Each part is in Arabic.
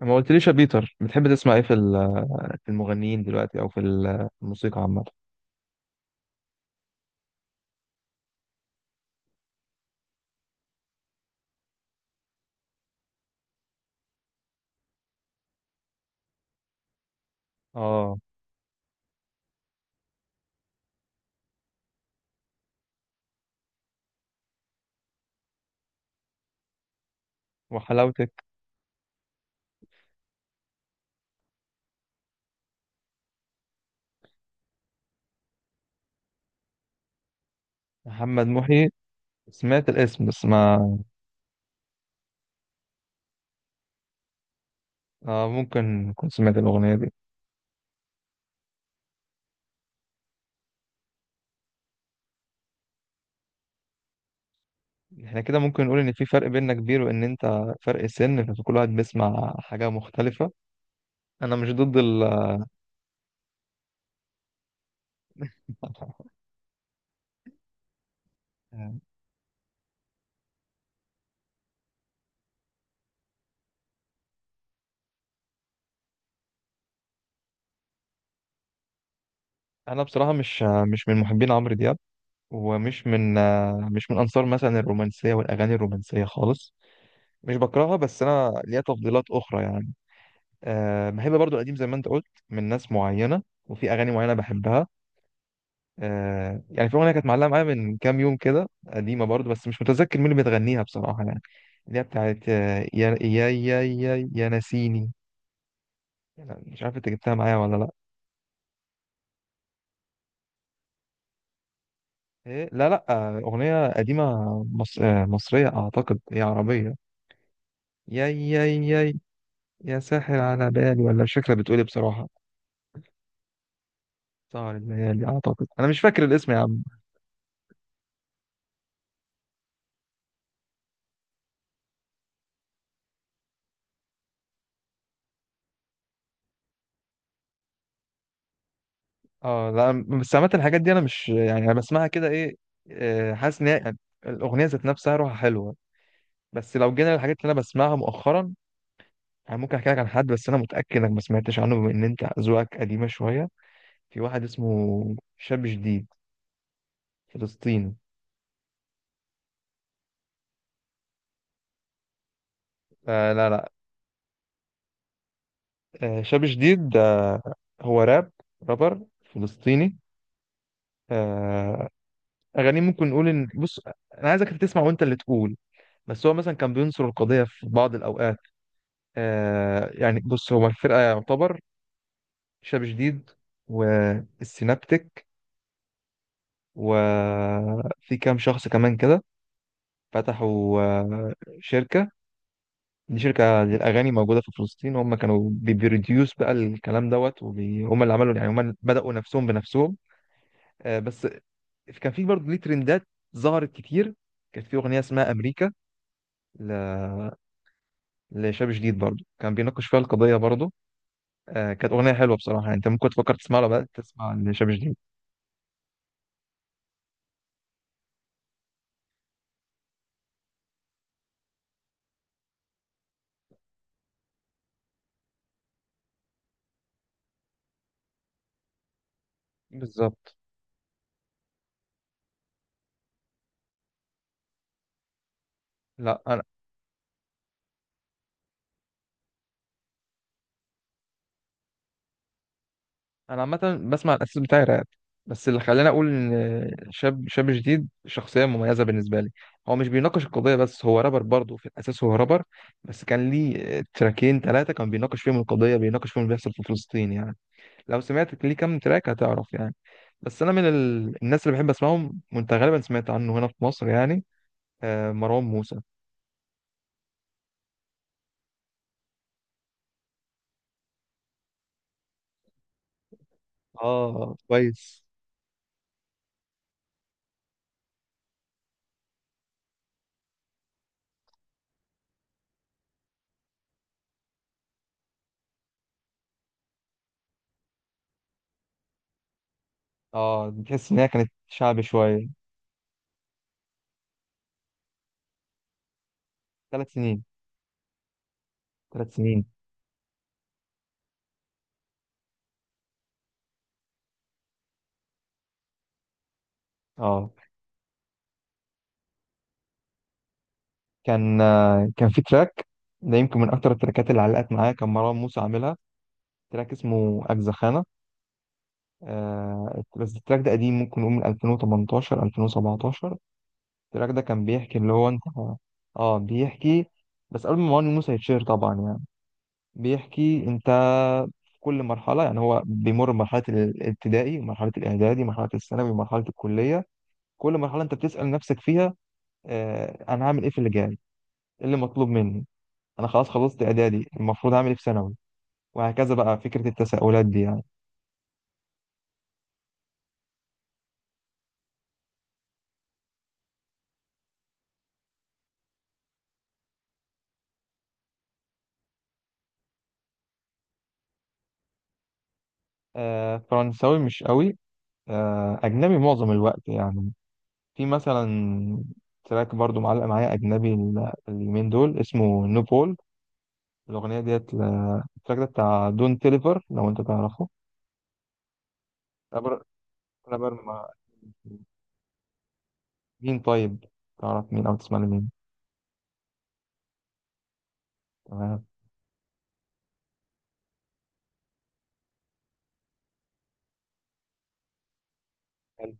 ما قلتليش يا بيتر، بتحب تسمع ايه في في المغنيين دلوقتي، او في في الموسيقى عامة. اه. وحلاوتك. محمد محي. سمعت الاسم بس ما. آه، ممكن كنت سمعت الأغنية دي. احنا كده ممكن نقول ان في فرق بيننا كبير، وان انت فرق سن، فكل واحد بيسمع حاجة مختلفة. انا مش ضد ال. انا بصراحة مش من محبين عمرو دياب. ومش من مش من انصار مثلا الرومانسية والاغاني الرومانسية خالص. مش بكرهها، بس انا ليا تفضيلات اخرى يعني. أه، بحب برضو القديم زي ما انت قلت، من ناس معينة وفي أغاني معينة بحبها. أه يعني، في أغنية كانت معلقة معايا من كام يوم كده، قديمة برضو، بس مش متذكر مين اللي بتغنيها بصراحة يعني. اللي هي بتاعت يا يا يا يا يا ناسيني. يعني مش عارف، انت جبتها معايا ولا لا؟ إيه؟ لا لا. أغنية قديمة. مص... آه، مصرية أعتقد، هي عربية. يا يا يا يا ساحر على بالي، ولا مش فاكرة، بتقولي بصراحة. سهر الليالي أعتقد، أنا مش فاكر الاسم يا عم. اه لا. بس عامة الحاجات دي انا مش يعني، انا بسمعها كده ايه. حاسس ان هي يعني الاغنيه ذات نفسها روحها حلوه. بس لو جينا للحاجات اللي انا بسمعها مؤخرا، يعني ممكن احكي لك عن حد، بس انا متاكد انك ما سمعتش عنه، بما ان انت ذوقك قديمه شويه. في واحد اسمه شاب جديد، فلسطيني. آه لا لا. آه، شاب جديد ده هو رابر فلسطيني. آه. اغانيه ممكن نقول ان، بص، انا عايزك تسمع وانت اللي تقول. بس هو مثلا كان بينصر القضيه في بعض الاوقات. آه يعني، بص، هو الفرقة يعتبر شاب جديد والسينابتك، وفي كام شخص كمان كده فتحوا شركة. دي شركة للأغاني موجودة في فلسطين، هم كانوا بيبروديوس بقى الكلام دوت، وهم اللي عملوا، يعني هم بدأوا نفسهم بنفسهم. آه، بس كان في برضه ليه ترندات ظهرت كتير. كانت في أغنية اسمها أمريكا ل... لشاب جديد برضه، كان بيناقش فيها القضية برضه. آه كانت أغنية حلوة بصراحة يعني، أنت ممكن تفكر تسمعها، بقى تسمع لشاب جديد. بالظبط. لا انا عامه بسمع الاساس بتاعي راب. بس اللي خلاني اقول ان شاب جديد شخصيه مميزه بالنسبه لي، هو مش بيناقش القضيه بس، هو رابر برضه، في الاساس هو رابر. بس كان ليه تراكين ثلاثه كان بيناقش فيهم القضيه، بيناقش فيهم اللي بيحصل في فلسطين يعني. لو سمعت ليه كام تراك هتعرف يعني. بس انا من الناس اللي بحب اسمعهم، وانت غالبا سمعت عنه هنا في مصر يعني. آه، مروان موسى. اه كويس. اه، بتحس ان هي كانت شعبي شويه. 3 سنين. 3 سنين. اه. كان في تراك، ده يمكن من اكتر التراكات اللي علقت معايا، كان مروان موسى عاملها. تراك اسمه اجزخانه. آه بس التراك ده قديم، ممكن نقول من 2018 2017. التراك ده كان بيحكي اللي هو انت. اه بيحكي، بس قبل ما مروان موسى يتشهر طبعا يعني. بيحكي انت، في كل مرحله يعني، هو بيمر بمرحله الابتدائي ومرحله الاعدادي، مرحله الثانوي ومرحله الكليه. كل مرحله انت بتسال نفسك فيها، آه انا هعمل ايه في اللي جاي؟ ايه اللي مطلوب مني؟ انا خلاص خلصت اعدادي، المفروض اعمل ايه في ثانوي؟ وهكذا بقى، فكره التساؤلات دي يعني. آه فرنساوي مش قوي. آه، اجنبي معظم الوقت يعني. في مثلا تراك برضو معلق معايا اجنبي اليومين دول، اسمه نو بول. الاغنيه ديت التراك ده بتاع دون تيليفر، لو انت تعرفه. رابر رابر ما. مين طيب؟ تعرف مين، او تسمع لمين؟ تمام. حلو.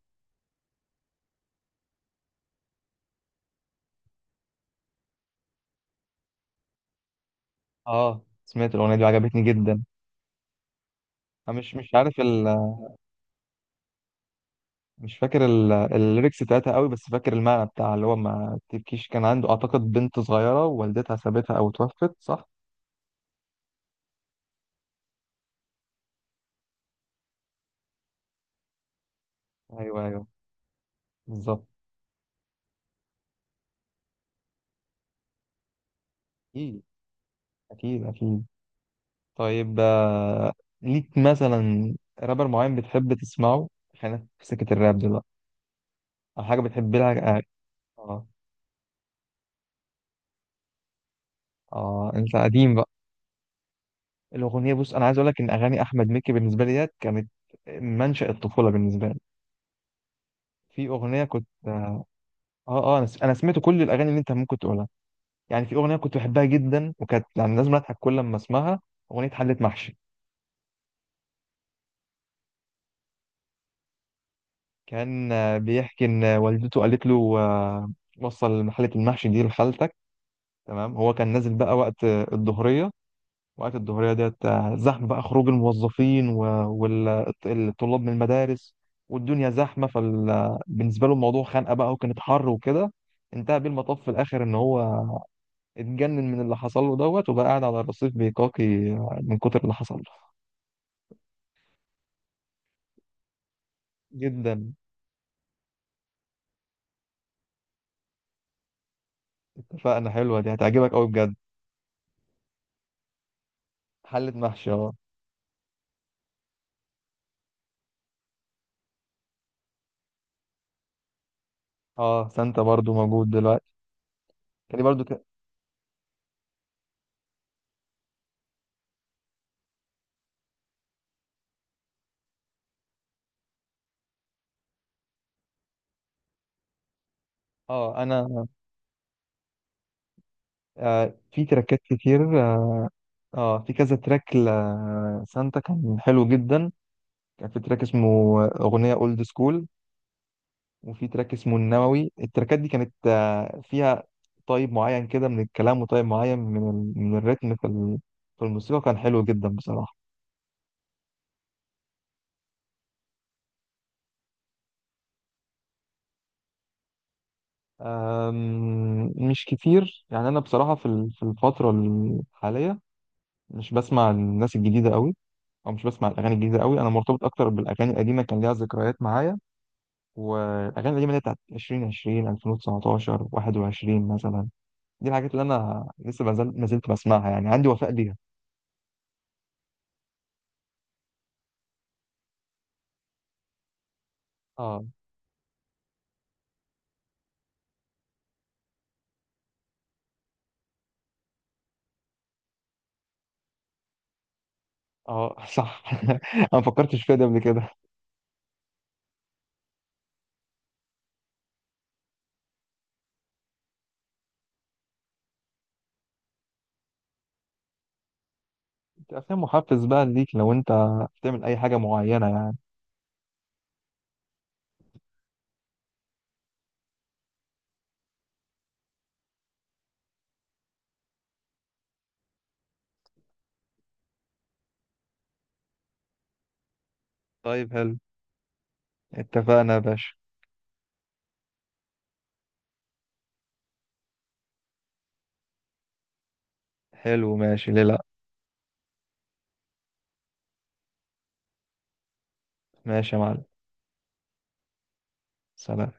اه، سمعت الاغنيه دي وعجبتني جدا. انا مش عارف. مش فاكر الليركس بتاعتها قوي، بس فاكر المعنى بتاع اللي هو ما تبكيش. كان عنده اعتقد بنت صغيره والدتها سابتها او توفت، صح؟ ايوه ايوه. بالظبط. اكيد. اكيد اكيد. طيب آه، ليك مثلا رابر معين بتحب تسمعه؟ خلينا في سكه الراب دلوقتي، او حاجه بتحب لها. اه. اه. انت قديم بقى. الاغنيه، بص انا عايز اقول لك، ان اغاني احمد مكي بالنسبه لي ديت كانت منشأ الطفوله بالنسبه لي. في اغنيه كنت، اه. اه، أنا سمعت كل الاغاني اللي انت ممكن تقولها. يعني في اغنيه كنت بحبها جدا، وكانت يعني لازم اضحك كل لما اسمعها. اغنيه حله محشي. كان بيحكي ان والدته قالت له، وصل حله المحشي دي لخالتك. تمام، هو كان نازل بقى وقت الظهريه. وقت الظهريه ديت زحمه بقى، خروج الموظفين والطلاب من المدارس، والدنيا زحمه. فبالنسبه له الموضوع خانقه بقى، وكانت حر وكده. انتهى بيه المطاف في الاخر ان هو اتجنن من اللي حصل له دوت، وبقى قاعد على الرصيف بيقاقي من كتر اللي حصل له. جدا. اتفقنا، حلوة دي هتعجبك قوي بجد. حلة محشي، اه. اه، سانتا برضو موجود دلوقتي. كان برضو اه انا. آه، في تراكات كتير. اه. في كذا تراك لسانتا كان حلو جدا. كان في تراك اسمه أغنية اولد سكول، وفي تراك اسمه النووي. التراكات دي كانت فيها طيب معين كده من الكلام، وطيب معين من من الريتم في في الموسيقى، كان حلو جدا بصراحة. مش كتير يعني، أنا بصراحة في في الفترة الحالية مش بسمع الناس الجديدة قوي، أو مش بسمع الأغاني الجديدة قوي. أنا مرتبط أكتر بالأغاني القديمة، كان ليها ذكريات معايا. والأغاني القديمة اللي هي بتاعت 2020 2019 21 مثلا، دي الحاجات اللي أنا لسه ما زلت بسمعها، يعني عندي وفاء ليها. اه. اه. صح. أنا ما فكرتش فيها دي قبل كده. أفلام محفز بقى ليك، لو أنت بتعمل أي حاجة معينة يعني؟ طيب حلو. اتفقنا يا باشا. حلو، ماشي، ليه لأ. ماشي يا معلم. سلام.